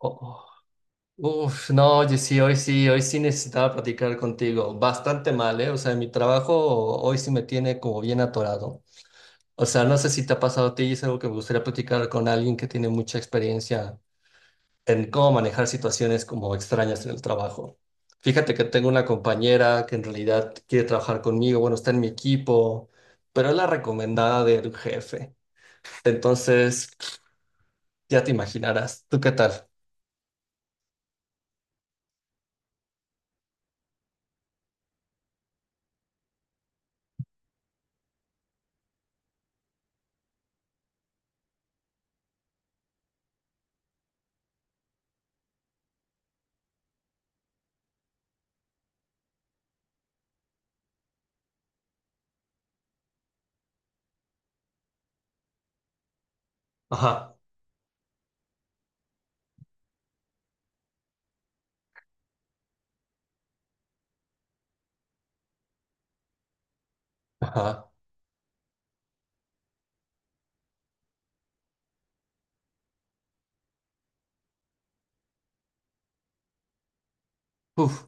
Oh, oh. Uf, no, oye, sí, hoy sí necesitaba platicar contigo. Bastante mal, ¿eh? O sea, mi trabajo hoy sí me tiene como bien atorado. O sea, no sé si te ha pasado a ti, es algo que me gustaría platicar con alguien que tiene mucha experiencia en cómo manejar situaciones como extrañas en el trabajo. Fíjate que tengo una compañera que en realidad quiere trabajar conmigo, bueno, está en mi equipo, pero es la recomendada del jefe. Entonces, ya te imaginarás. ¿Tú qué tal? Ajá, ajá. Uf.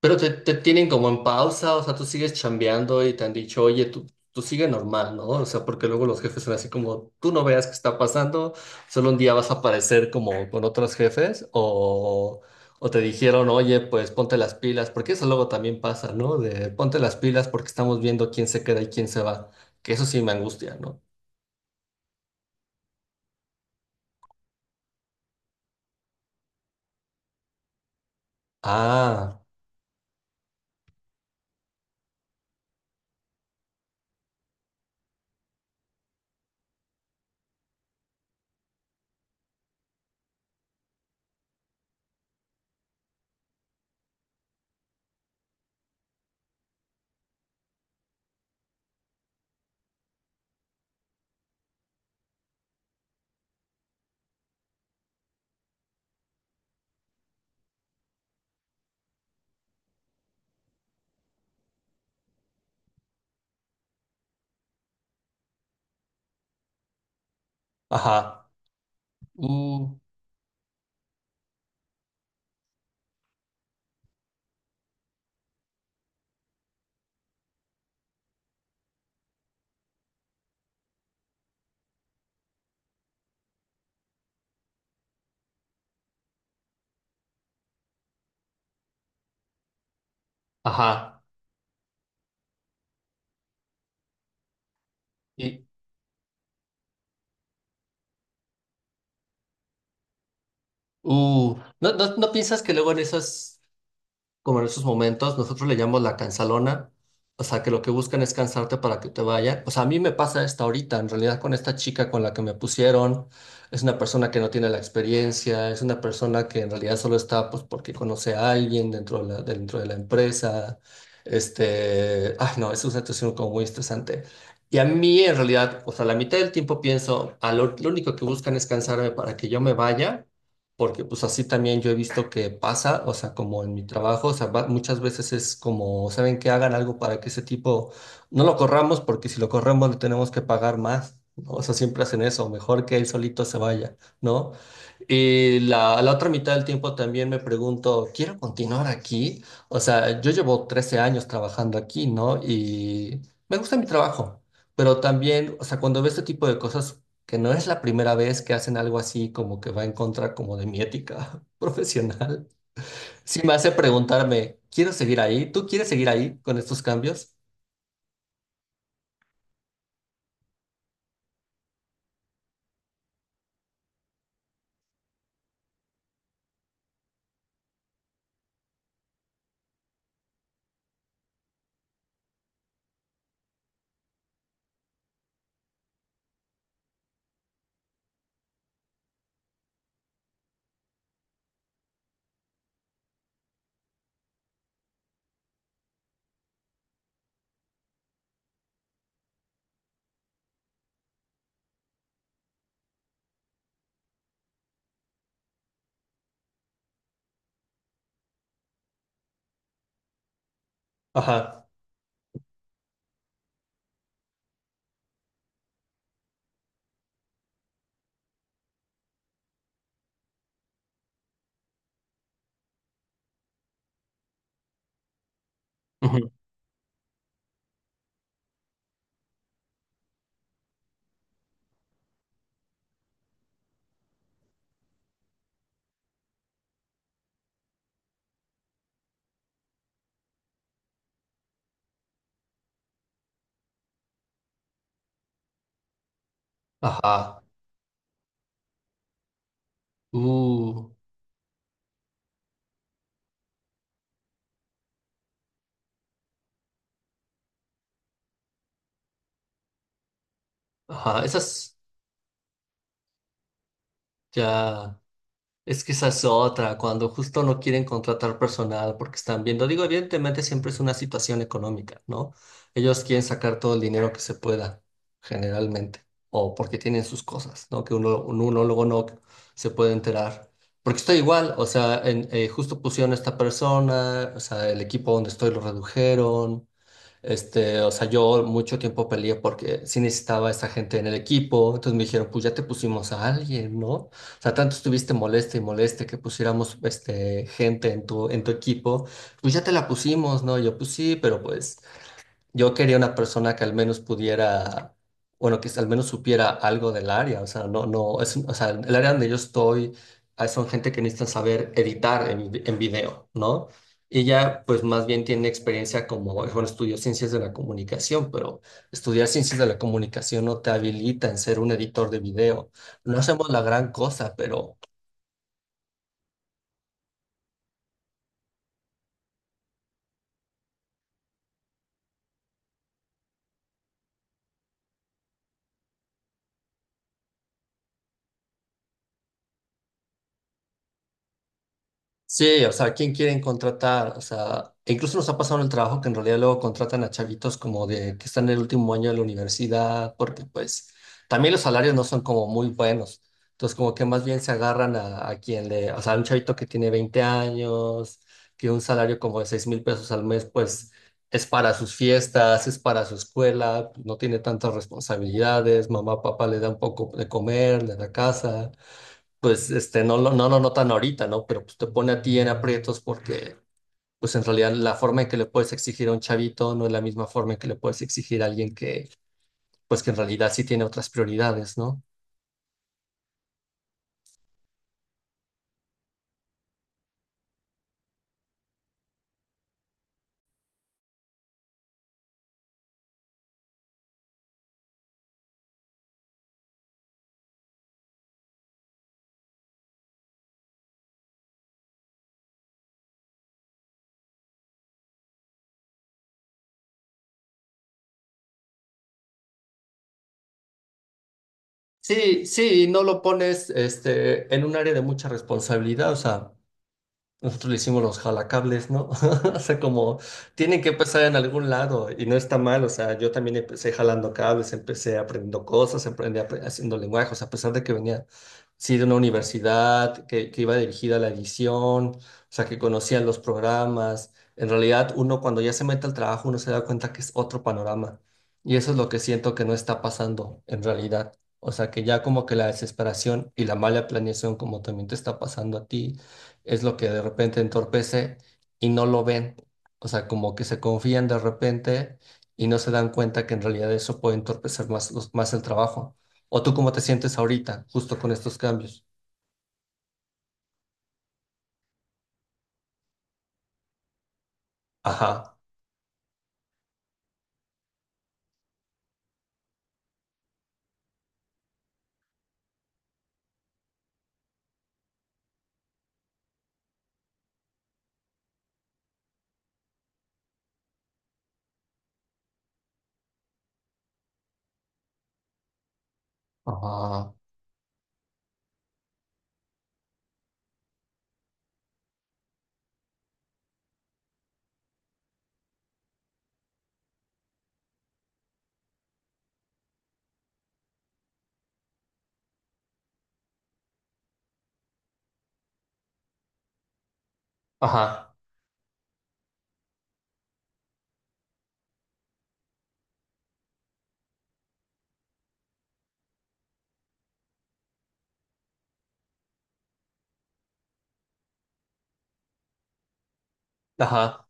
Pero te tienen como en pausa, o sea, tú sigues chambeando y te han dicho, oye, tú sigue normal, ¿no? O sea, porque luego los jefes son así como, tú no veas qué está pasando, solo un día vas a aparecer como con otros jefes, o te dijeron, oye, pues ponte las pilas, porque eso luego también pasa, ¿no? De ponte las pilas porque estamos viendo quién se queda y quién se va, que eso sí me angustia, ¿no? Ah, ajá, uh, ajá, y, ¿no piensas que luego en esas como en esos momentos, nosotros le llamamos la cansalona, o sea, que lo que buscan es cansarte para que te vayan? O sea, a mí me pasa esta ahorita, en realidad con esta chica con la que me pusieron, es una persona que no tiene la experiencia, es una persona que en realidad solo está pues porque conoce a alguien dentro de la empresa. Ay, no, es una situación como muy estresante. Y a mí en realidad, o sea, la mitad del tiempo pienso, lo único que buscan es cansarme para que yo me vaya. Porque pues así también yo he visto que pasa, o sea, como en mi trabajo, o sea, muchas veces es como, ¿saben Que hagan algo para que ese tipo no lo corramos, porque si lo corremos le tenemos que pagar más, ¿no? O sea, siempre hacen eso, mejor que él solito se vaya, ¿no? Y la otra mitad del tiempo también me pregunto, ¿quiero continuar aquí? O sea, yo llevo 13 años trabajando aquí, ¿no? Y me gusta mi trabajo, pero también, o sea, cuando veo este tipo de cosas que no es la primera vez que hacen algo así como que va en contra como de mi ética profesional. Sí me hace preguntarme, ¿quiero seguir ahí? ¿Tú quieres seguir ahí con estos cambios? Ajá. Ujú. Ajá. Uh, ajá. Esas ya. Es que esa es otra, cuando justo no quieren contratar personal porque están viendo, digo, evidentemente siempre es una situación económica, ¿no? Ellos quieren sacar todo el dinero que se pueda, generalmente, o porque tienen sus cosas, ¿no? Que uno, uno luego no se puede enterar. Porque estoy igual, o sea, justo pusieron a esta persona, o sea, el equipo donde estoy lo redujeron, o sea, yo mucho tiempo peleé porque sí necesitaba a esa gente en el equipo. Entonces me dijeron, pues ya te pusimos a alguien, ¿no? O sea, tanto estuviste molesta y molesta que pusiéramos gente en tu equipo. Pues ya te la pusimos, ¿no? Y yo, pues sí, pero pues yo quería una persona que al menos pudiera, bueno, que al menos supiera algo del área. O sea, no, no, es, o sea, el área donde yo estoy, son gente que necesita saber editar en video, ¿no? Y ya, pues más bien tiene experiencia como, bueno, estudió ciencias de la comunicación, pero estudiar ciencias de la comunicación no te habilita en ser un editor de video. No hacemos la gran cosa, pero sí, o sea, ¿quién quieren contratar? O sea, e incluso nos ha pasado en el trabajo que en realidad luego contratan a chavitos como de que están en el último año de la universidad, porque pues también los salarios no son como muy buenos. Entonces, como que más bien se agarran a quien le, o sea, un chavito que tiene 20 años, que un salario como de 6,000 pesos al mes, pues es para sus fiestas, es para su escuela, no tiene tantas responsabilidades, mamá, papá le da un poco de comer, le da casa, pues no lo notan ahorita, ¿no? Pero pues, te pone a ti en aprietos porque, pues en realidad la forma en que le puedes exigir a un chavito no es la misma forma en que le puedes exigir a alguien que, pues que en realidad sí tiene otras prioridades, ¿no? Sí, sí, y no lo pones en un área de mucha responsabilidad, o sea, nosotros le hicimos los jalacables, ¿no? O sea, como tienen que empezar en algún lado y no está mal. O sea, yo también empecé jalando cables, empecé aprendiendo cosas, aprendí haciendo lenguajes, a pesar de que venía, sí, de una universidad que iba dirigida a la edición, o sea, que conocían los programas. En realidad, uno cuando ya se mete al trabajo, uno se da cuenta que es otro panorama. Y eso es lo que siento que no está pasando en realidad. O sea, que ya como que la desesperación y la mala planeación, como también te está pasando a ti, es lo que de repente entorpece y no lo ven. O sea, como que se confían de repente y no se dan cuenta que en realidad eso puede entorpecer más, más el trabajo. ¿O tú cómo te sientes ahorita, justo con estos cambios? Ajá, ajá, ajá, ajá,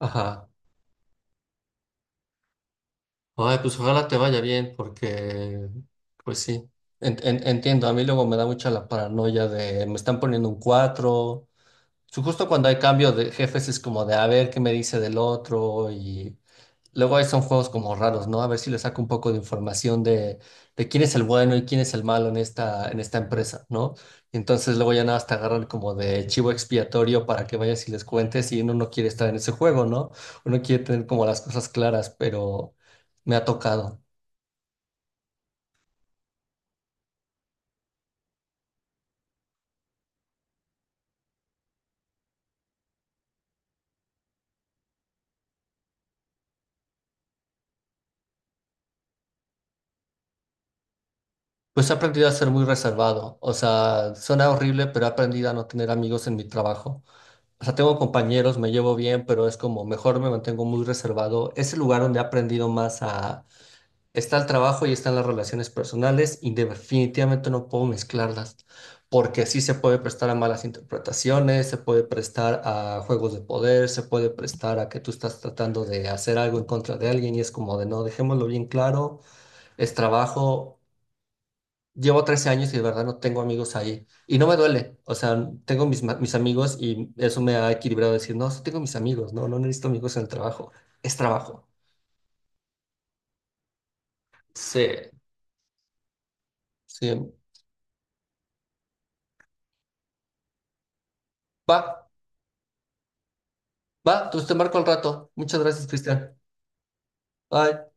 ajá. Ay, pues ojalá te vaya bien, porque, pues sí, entiendo, a mí luego me da mucha la paranoia de, me están poniendo un cuatro. Justo cuando hay cambio de jefes es como de a ver qué me dice del otro. Y luego ahí son juegos como raros, ¿no? A ver si le saco un poco de información de quién es el bueno y quién es el malo en esta empresa, ¿no? Y entonces luego ya nada más te agarran como de chivo expiatorio para que vayas y les cuentes, y uno no quiere estar en ese juego, ¿no? Uno quiere tener como las cosas claras, pero me ha tocado. Pues he aprendido a ser muy reservado. O sea, suena horrible, pero he aprendido a no tener amigos en mi trabajo. O sea, tengo compañeros, me llevo bien, pero es como mejor me mantengo muy reservado. Es el lugar donde he aprendido más a. Está el trabajo y están las relaciones personales y definitivamente no puedo mezclarlas, porque sí se puede prestar a malas interpretaciones, se puede prestar a juegos de poder, se puede prestar a que tú estás tratando de hacer algo en contra de alguien, y es como de no, dejémoslo bien claro, es trabajo. Llevo 13 años y de verdad no tengo amigos ahí y no me duele, o sea, tengo mis amigos, y eso me ha equilibrado a decir, no, sí tengo mis amigos, no, no necesito amigos en el trabajo, es trabajo. Sí, sí. Va. Va, entonces te marco al rato. Muchas gracias, Cristian. Bye.